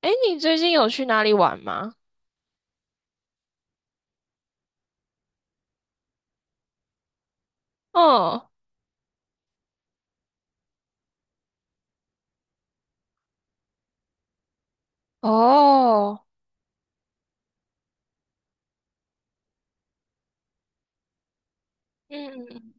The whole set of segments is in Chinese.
诶，你最近有去哪里玩吗？哦。哦。嗯嗯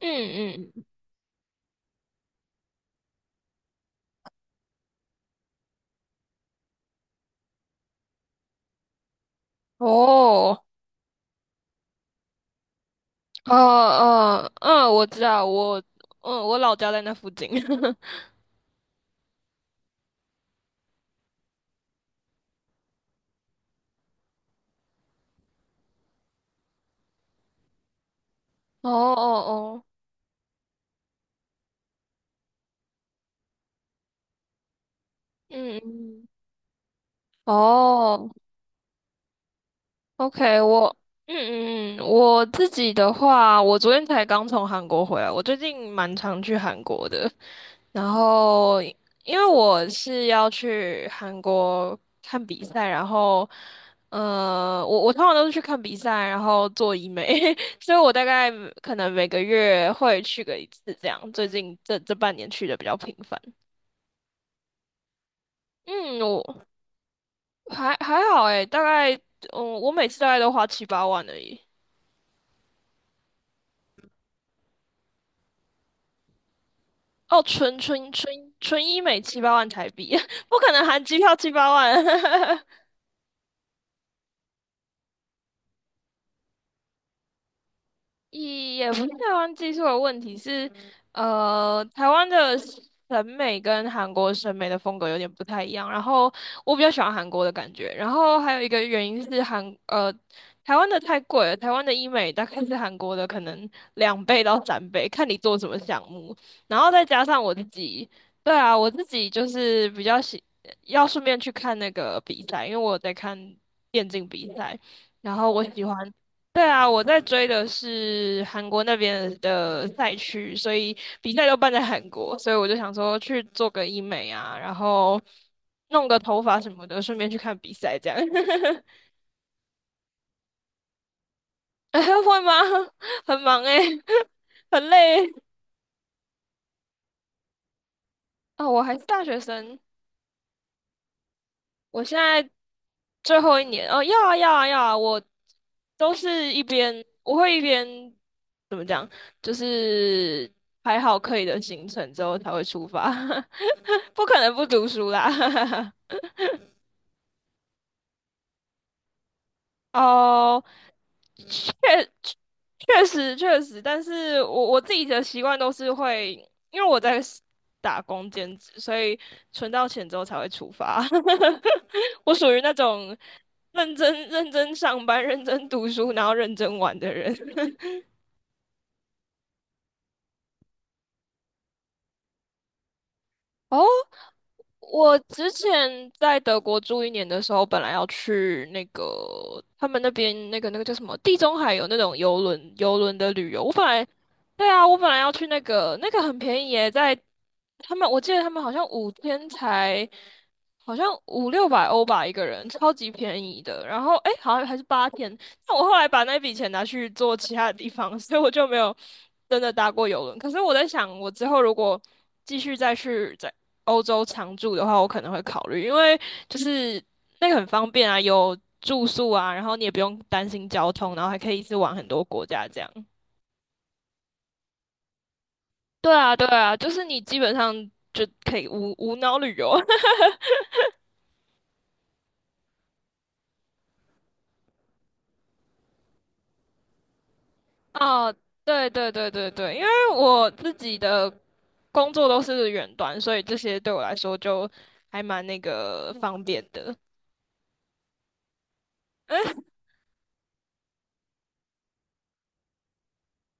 嗯。嗯。哦。哦哦。嗯，我知道。我老家在那附近。哦哦哦。嗯嗯。哦， OK。我嗯嗯，嗯，我自己的话，我昨天才刚从韩国回来，我最近蛮常去韩国的。然后，因为我是要去韩国看比赛，然后，我通常都是去看比赛，然后做医美，所以我大概可能每个月会去个一次这样。最近这半年去的比较频繁。嗯。我还好诶，大概,我每次大概都花七八万而已。哦，纯医美七八万台币，不可能含机票七八万。也不是台湾技术的问题，是台湾的审美跟韩国审美的风格有点不太一样。然后我比较喜欢韩国的感觉，然后还有一个原因是台湾的太贵了，台湾的医美大概是韩国的可能2倍到3倍，看你做什么项目。然后再加上我自己，对啊，我自己就是比较喜要顺便去看那个比赛，因为我有在看电竞比赛。然后我喜欢。对啊，我在追的是韩国那边的赛区，所以比赛都办在韩国，所以我就想说去做个医美啊，然后弄个头发什么的，顺便去看比赛这样。哎会吗？很忙诶，很累欸。哦，我还是大学生。我现在最后一年，哦，要啊，要啊，要啊，我会一边怎么讲，就是排好可以的行程之后才会出发，不可能不读书啦。哦，确确实，但是我自己的习惯都是会，因为我在 打工兼职，所以存到钱之后才会出发。我属于那种认真认真上班、认真读书，然后认真玩的人。哦，我之前在德国住一年的时候，本来要去那个他们那边那个叫什么地中海有那种游轮的旅游。我本来对啊，我本来要去那个很便宜耶，在他们我记得他们好像五天才好像五六百欧吧一个人，超级便宜的。然后诶，好像还是八天，那我后来把那笔钱拿去做其他的地方，所以我就没有真的搭过游轮。可是我在想，我之后如果继续再欧洲常住的话，我可能会考虑，因为就是那个很方便啊，有住宿啊，然后你也不用担心交通，然后还可以一次玩很多国家这样。对啊，对啊，就是你基本上就可以无脑旅游。哦，对对对对对，因为我自己的工作都是远端，所以这些对我来说就还蛮那个方便的。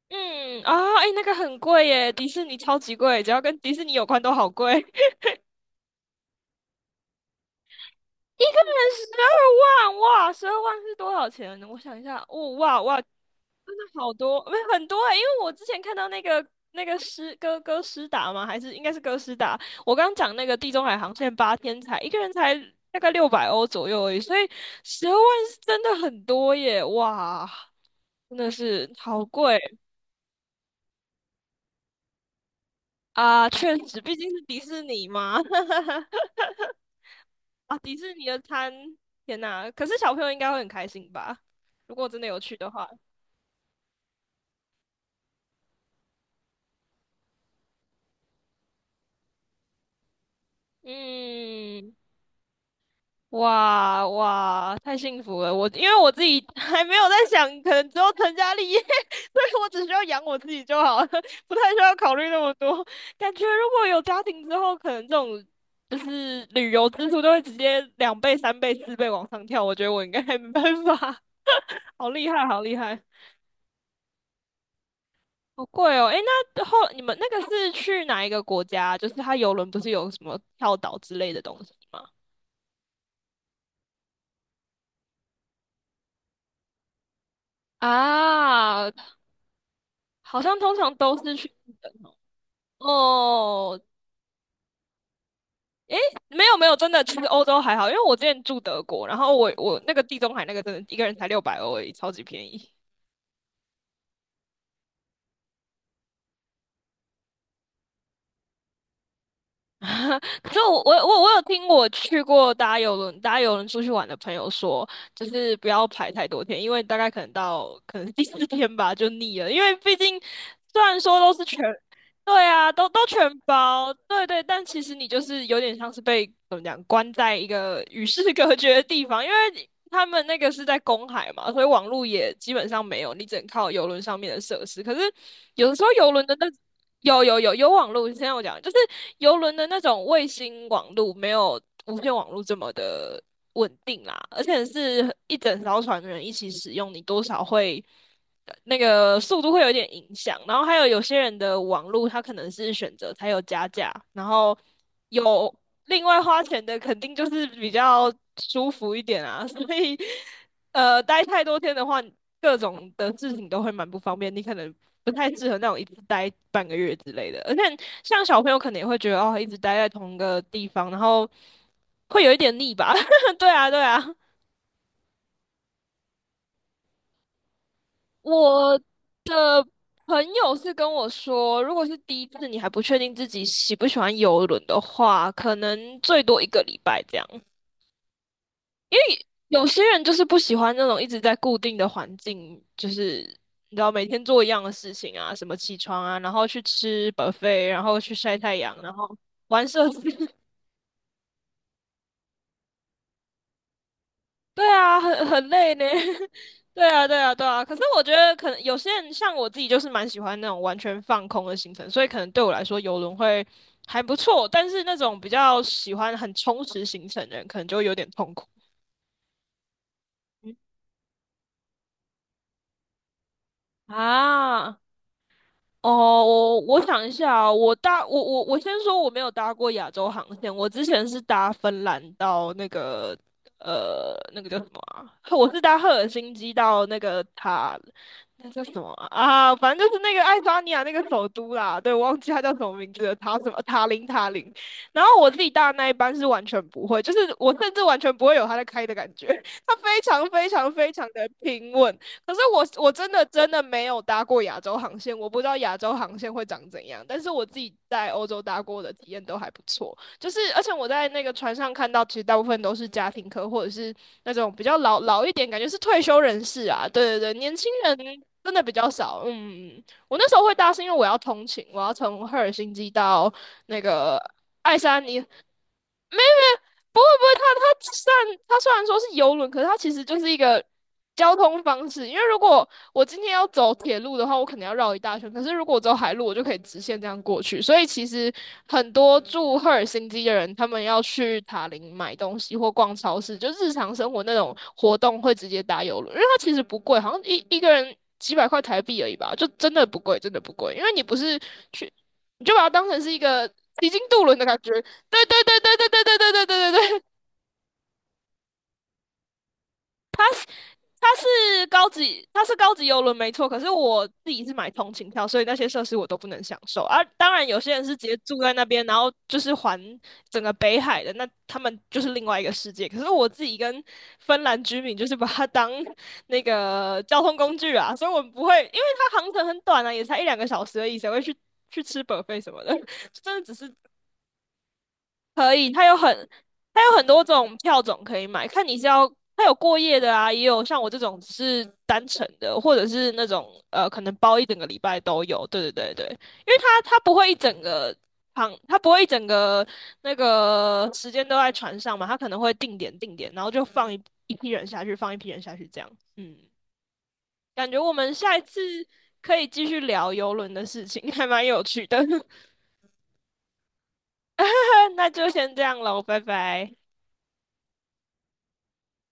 嗯啊。哎，那个很贵耶，迪士尼超级贵，只要跟迪士尼有关都好贵。一个人十二万，哇，十二万是多少钱呢？我想一下，哦，哇哇，真的好多，没是很多欸，因为我之前看到那个那个诗哥哥诗达嘛，还是应该是哥诗达，我刚刚讲那个地中海航线八天才一个人才大概六百欧左右而已，所以十二万是真的很多耶，哇，真的是好贵啊，确实，毕竟是迪士尼嘛，啊，迪士尼的餐，天呐，可是小朋友应该会很开心吧？如果真的有去的话。嗯，哇哇，太幸福了！我因为我自己 还没有在想，可能之后成家立业，所以我只需要养我自己就好了，不太需要考虑那么多。感觉如果有家庭之后，可能这种就是旅游支出都会直接2倍、3倍、4倍往上跳。我觉得我应该没办法，好厉害，好厉害，好贵哦！诶，那后你们那个是去哪一个国家？就是它游轮不是有什么跳岛之类的东西吗？啊，好像通常都是去日本哦。哦，没有没有，真的，其实欧洲还好，因为我之前住德国，然后我我那个地中海那个真的一个人才六百欧而已，超级便宜。就我有听我去过搭邮轮搭邮轮出去玩的朋友说，就是不要排太多天，因为大概可能第四天吧就腻了，因为毕竟虽然说都是全，对啊，都全包，对对，但其实你就是有点像是被怎么讲关在一个与世隔绝的地方，因为他们那个是在公海嘛，所以网络也基本上没有，你只能靠邮轮上面的设施。可是有的时候邮轮的那有网络，现在我讲就是游轮的那种卫星网络，没有无线网络这么的稳定啦，而且是一整艘船的人一起使用，你多少会那个速度会有点影响。然后还有有些人的网络，他可能是选择才有加价，然后有另外花钱的肯定就是比较舒服一点啊，所以待太多天的话。各种的事情都会蛮不方便，你可能不太适合那种一直待半个月之类的。而且像小朋友可能也会觉得哦，一直待在同一个地方，然后会有一点腻吧？对啊，对啊。我朋友是跟我说，如果是第一次你还不确定自己喜不喜欢游轮的话，可能最多一个礼拜这样。有些人就是不喜欢那种一直在固定的环境，就是你知道每天做一样的事情啊，什么起床啊，然后去吃 buffet，然后去晒太阳，然后玩社子。对啊，很很累呢。对啊，对啊，对啊。可是我觉得可能有些人像我自己，就是蛮喜欢那种完全放空的行程，所以可能对我来说游轮会还不错。但是那种比较喜欢很充实行程的人，可能就会有点痛苦。嗯啊。哦，我我想一下啊，我先说我没有搭过亚洲航线，我之前是搭芬兰到那个那个叫什么啊？我是搭赫尔辛基到那个塔，那叫什么啊？啊反正就是那个爱沙尼亚那个首都啦，对，我忘记它叫什么名字了，塔什么塔林。然后我自己搭的那一班是完全不会，就是我甚至完全不会有它在开的感觉，它非常非常非常的平稳。可是我我真的真的没有搭过亚洲航线，我不知道亚洲航线会长怎样。但是我自己在欧洲搭过的体验都还不错，就是而且我在那个船上看到，其实大部分都是家庭客或者是那种比较老老一点，感觉是退休人士啊。对对对，年轻人真的比较少。嗯，我那时候会搭是因为我要通勤，我要从赫尔辛基到那个爱沙尼。不会不会，它虽然说是游轮，可是它其实就是一个交通方式。因为如果我今天要走铁路的话，我可能要绕一大圈；可是如果我走海路，我就可以直线这样过去。所以其实很多住赫尔辛基的人，他们要去塔林买东西或逛超市，就日常生活那种活动会直接搭游轮，因为它其实不贵，好像一个人几百块台币而已吧，就真的不贵，真的不贵。因为你不是去，你就把它当成是一个。已经渡轮的感觉，对对对对对对对对对对对对，它是高级，它是高级游轮没错。可是我自己是买通勤票，所以那些设施我都不能享受。而，啊，当然，有些人是直接住在那边，然后就是环整个北海的，那他们就是另外一个世界。可是我自己跟芬兰居民就是把它当 那个交通工具啊，所以我们不会，因为它航程很短啊，也才一两个小时而已，谁会去吃 buffet 什么的？真的只是可以，它有很多种票种可以买，看你是要它有过夜的啊，也有像我这种只是单程的，或者是那种可能包一整个礼拜都有。对对对对，因为它不会一整个航，它不会一整个那个时间都在船上嘛，它可能会定点定点，然后就放一批人下去，放一批人下去这样。嗯，感觉我们下一次可以继续聊游轮的事情，还蛮有趣的。那就先这样喽，拜拜。